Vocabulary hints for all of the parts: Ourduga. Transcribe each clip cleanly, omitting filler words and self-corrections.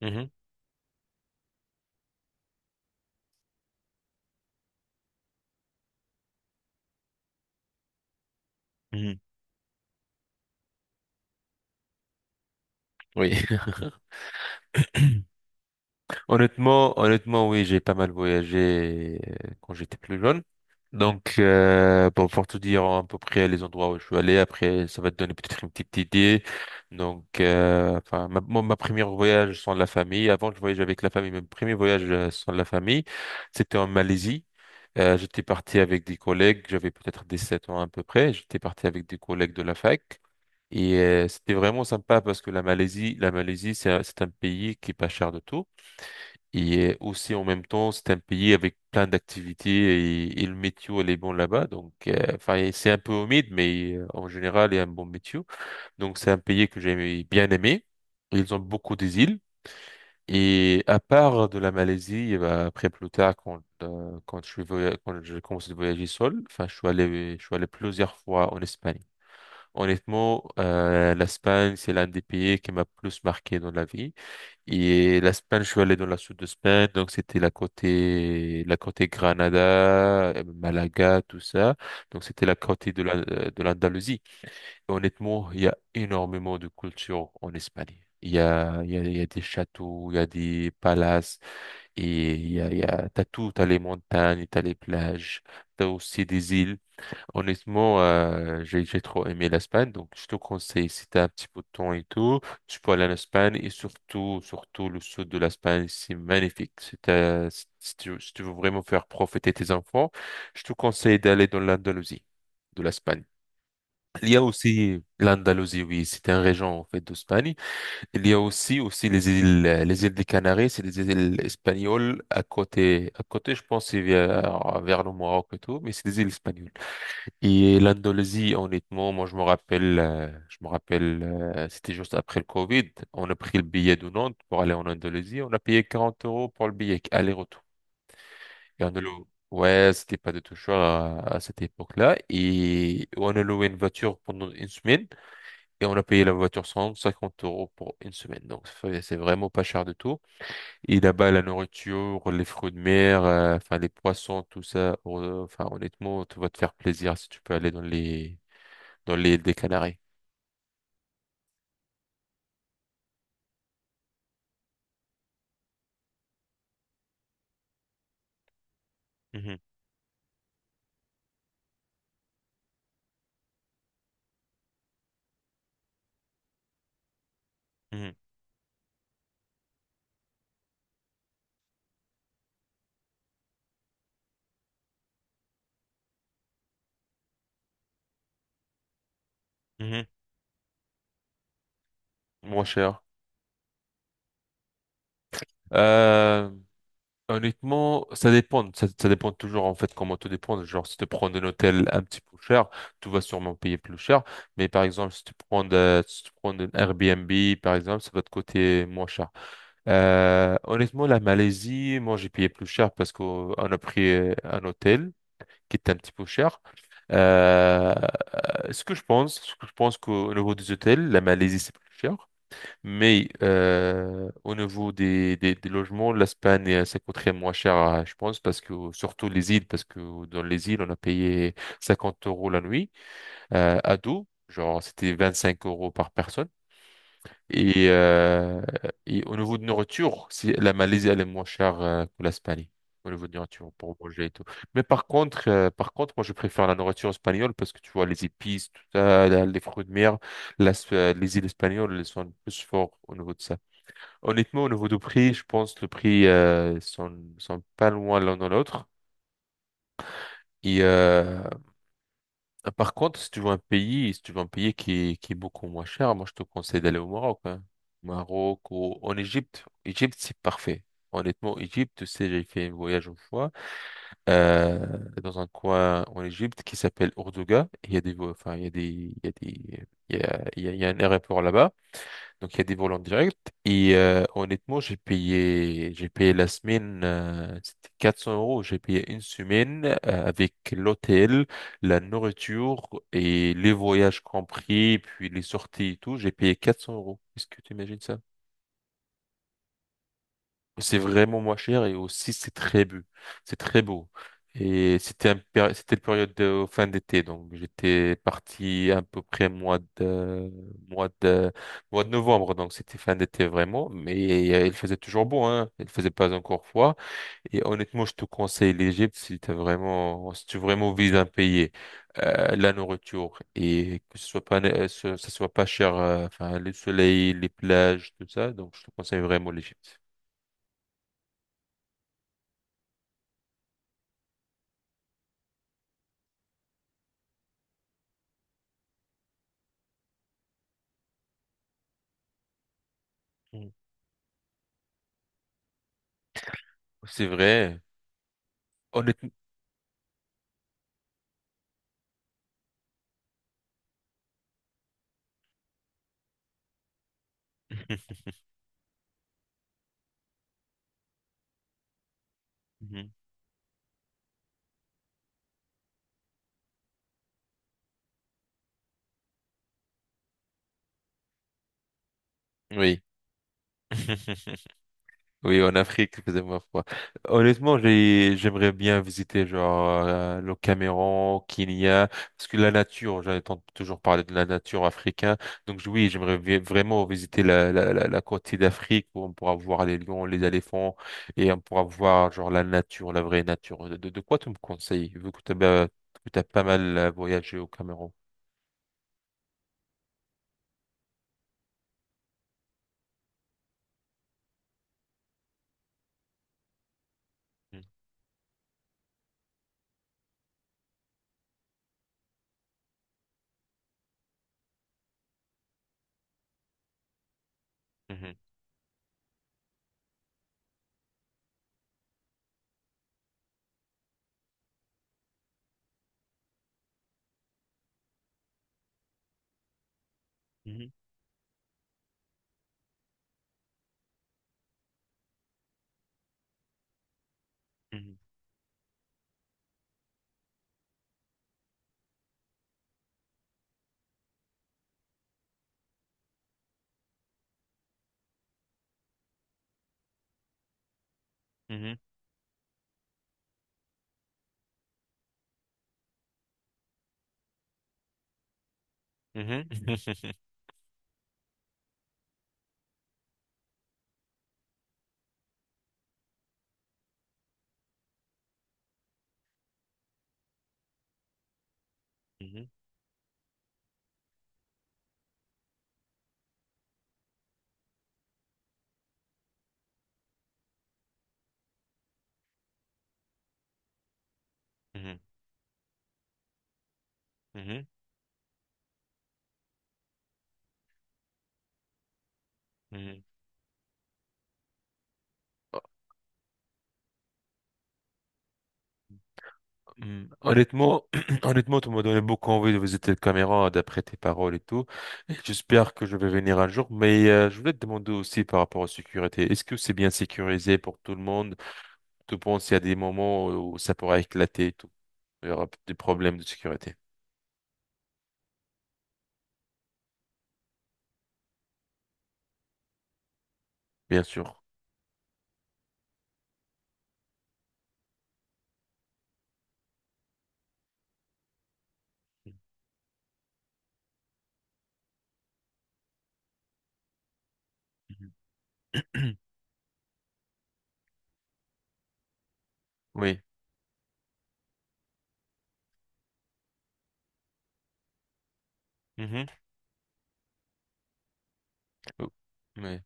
Mhm, mhm. Oui, Honnêtement, honnêtement, oui, j'ai pas mal voyagé quand j'étais plus jeune. Donc, bon, pour tout dire à peu près les endroits où je suis allé, après, ça va te donner peut-être une petite idée. Donc, enfin, ma première voyage sans la famille, avant je voyageais avec la famille, mais mon premier voyage sans la famille, c'était en Malaisie. J'étais parti avec des collègues, j'avais peut-être 17 ans à peu près, j'étais parti avec des collègues de la fac. Et c'était vraiment sympa parce que la Malaisie, c'est un pays qui est pas cher de tout. Et aussi, en même temps, c'est un pays avec plein d'activités et le météo, elle est bon là-bas. Donc, enfin, c'est un peu humide, mais en général, il y a un bon météo. Donc, c'est un pays que j'ai bien aimé. Ils ont beaucoup des îles. Et à part de la Malaisie, eh ben, après plus tard, quand j'ai commencé à voyager seul, enfin, je suis allé plusieurs fois en Espagne. Honnêtement, l'Espagne, c'est l'un des pays qui m'a plus marqué dans la vie. Et l'Espagne, je suis allé dans la sud de l'Espagne, donc c'était la côté Granada, Malaga, tout ça. Donc c'était la côté de de l'Andalousie. Et honnêtement, il y a énormément de culture en Espagne. Il y a des châteaux, il y a des palaces, et t'as tout, t'as les montagnes, t'as les plages, t'as aussi des îles. Honnêtement, j'ai trop aimé l'Espagne, donc je te conseille, si t'as un petit peu de temps et tout, tu peux aller en Espagne et surtout, surtout le sud de l'Espagne, c'est magnifique. Si t'as- si si tu, si tu veux vraiment faire profiter tes enfants, je te conseille d'aller dans l'Andalousie de l'Espagne. Il y a aussi l'Andalousie, oui, c'est un région en fait d'Espagne. Il y a aussi les îles des Canaries, c'est des îles espagnoles à côté, je pense, c'est vers le Maroc et tout, mais c'est des îles espagnoles. Et l'Indonésie, honnêtement, moi je me rappelle, c'était juste après le Covid, on a pris le billet de Nantes pour aller en Indonésie, on a payé 40 euros pour le billet aller-retour. Et on a loué, ouais, c'était pas de tout cher à cette époque-là, et on a loué une voiture pendant une semaine, et on a payé la voiture 150 euros pour une semaine, donc ça fait- c'est vraiment pas cher du tout. Et là-bas, la nourriture, les fruits de mer, enfin les poissons, tout ça, enfin honnêtement, tu vas te faire plaisir si tu peux aller dans les dans l'île des Canaries. Mhm, mhm, mhm. Moins cher. Euh, Honnêtement, ça dépend. Ça dépend toujours en fait comment tout dépend. Genre, si tu prends un hôtel un petit peu cher, tu vas sûrement payer plus cher. Mais par exemple, si tu prends un Airbnb, par exemple, ça va te coûter moins cher. Honnêtement, la Malaisie, moi j'ai payé plus cher parce qu'on a pris un hôtel qui était un petit peu cher. Euh, ce que je pense qu'au niveau des hôtels, la Malaisie c'est plus cher. Mais au niveau des logements, l'Espagne, ça coûterait moins cher, je pense, parce que surtout les îles, parce que dans les îles, on a payé 50 euros la nuit à dos, genre c'était 25 euros par personne. Et, euh, et au niveau de nourriture, c'est- la Malaisie, elle est moins chère que l'Espagne, au niveau de nourriture, pour manger et tout. Mais par contre, moi, je préfère la nourriture espagnole parce que tu vois, les épices, tout ça, les fruits de mer, les îles espagnoles, elles sont plus fortes au niveau de ça. Honnêtement, au niveau du prix, je pense le prix sont pas loin l'un de l'autre. Et par contre, si tu veux un pays, si tu veux un pays qui est beaucoup moins cher, moi je te conseille d'aller au Maroc. Hein. Maroc ou en Égypte. Égypte, c'est parfait. Honnêtement, Égypte, tu sais, j'ai fait un voyage une fois euh, dans un coin en Égypte qui s'appelle Ourduga. Il y a un aéroport là-bas. Donc il y a des volants directs. Et honnêtement, j'ai payé la semaine, c'était 400 euros. J'ai payé une semaine avec l'hôtel, la nourriture et les voyages compris, puis les sorties et tout. J'ai payé 400 euros. Est-ce que tu imagines ça? C'est vraiment moins cher et aussi c'est très beau. C'est très beau. Et c'était c'était une période de fin d'été, donc j'étais parti à peu près mois de mois de novembre, donc c'était fin d'été vraiment. Mais il faisait toujours beau, hein. Il faisait pas encore froid. Et honnêtement, je te conseille l'Égypte si t'as vraiment si tu vraiment vises un pays, la nourriture et que ce soit pas ce- ça soit pas cher, enfin le soleil, les plages, tout ça. Donc je te conseille vraiment l'Égypte. C'est vrai. Honnêtement. Mhm. Oui. Oui, en Afrique, il faisait moins froid. Honnêtement, j'aimerais bien visiter genre le Cameroun, Kenya, parce que la nature, j'entends toujours parler de la nature africaine. Donc oui, j'aimerais vraiment visiter la côte d'Afrique où on pourra voir les lions, les éléphants et on pourra voir genre la nature, la vraie nature. De quoi tu me conseilles, vu que tu as, pas mal voyagé au Cameroun? Mhm. Mhm. Mhm. Mhm. Mhm. Mhm. Mhm. Mhm. Mhm. Mhm. Oh, hmm. Honnêtement, honnêtement, tu m'as donné beaucoup envie de visiter le Cameroun d'après tes paroles et tout. J'espère que je vais venir un jour, mais je voulais te demander aussi par rapport à la sécurité. Est-ce que c'est bien sécurisé pour tout le monde? Tu penses qu'il y a des moments où ça pourrait éclater et tout? Il y aura des problèmes de sécurité, bien sûr. Mhm. Oui. Mhm. Oh, oui.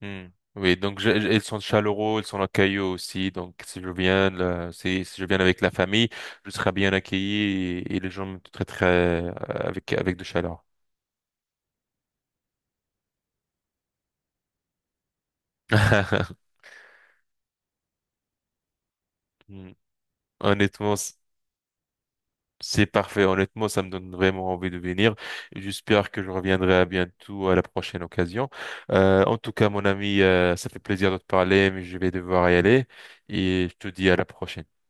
Hmm. Oui, donc ils sont chaleureux, ils sont accueillants aussi. Donc si je viens, là, si je viens avec la famille, je serai bien accueilli et les gens me traiteraient avec de chaleur. Hmm. Honnêtement, c'est parfait. Honnêtement, ça me donne vraiment envie de venir. J'espère que je reviendrai à bientôt à la prochaine occasion. En tout cas, mon ami, ça fait plaisir de te parler, mais je vais devoir y aller et je te dis à la prochaine.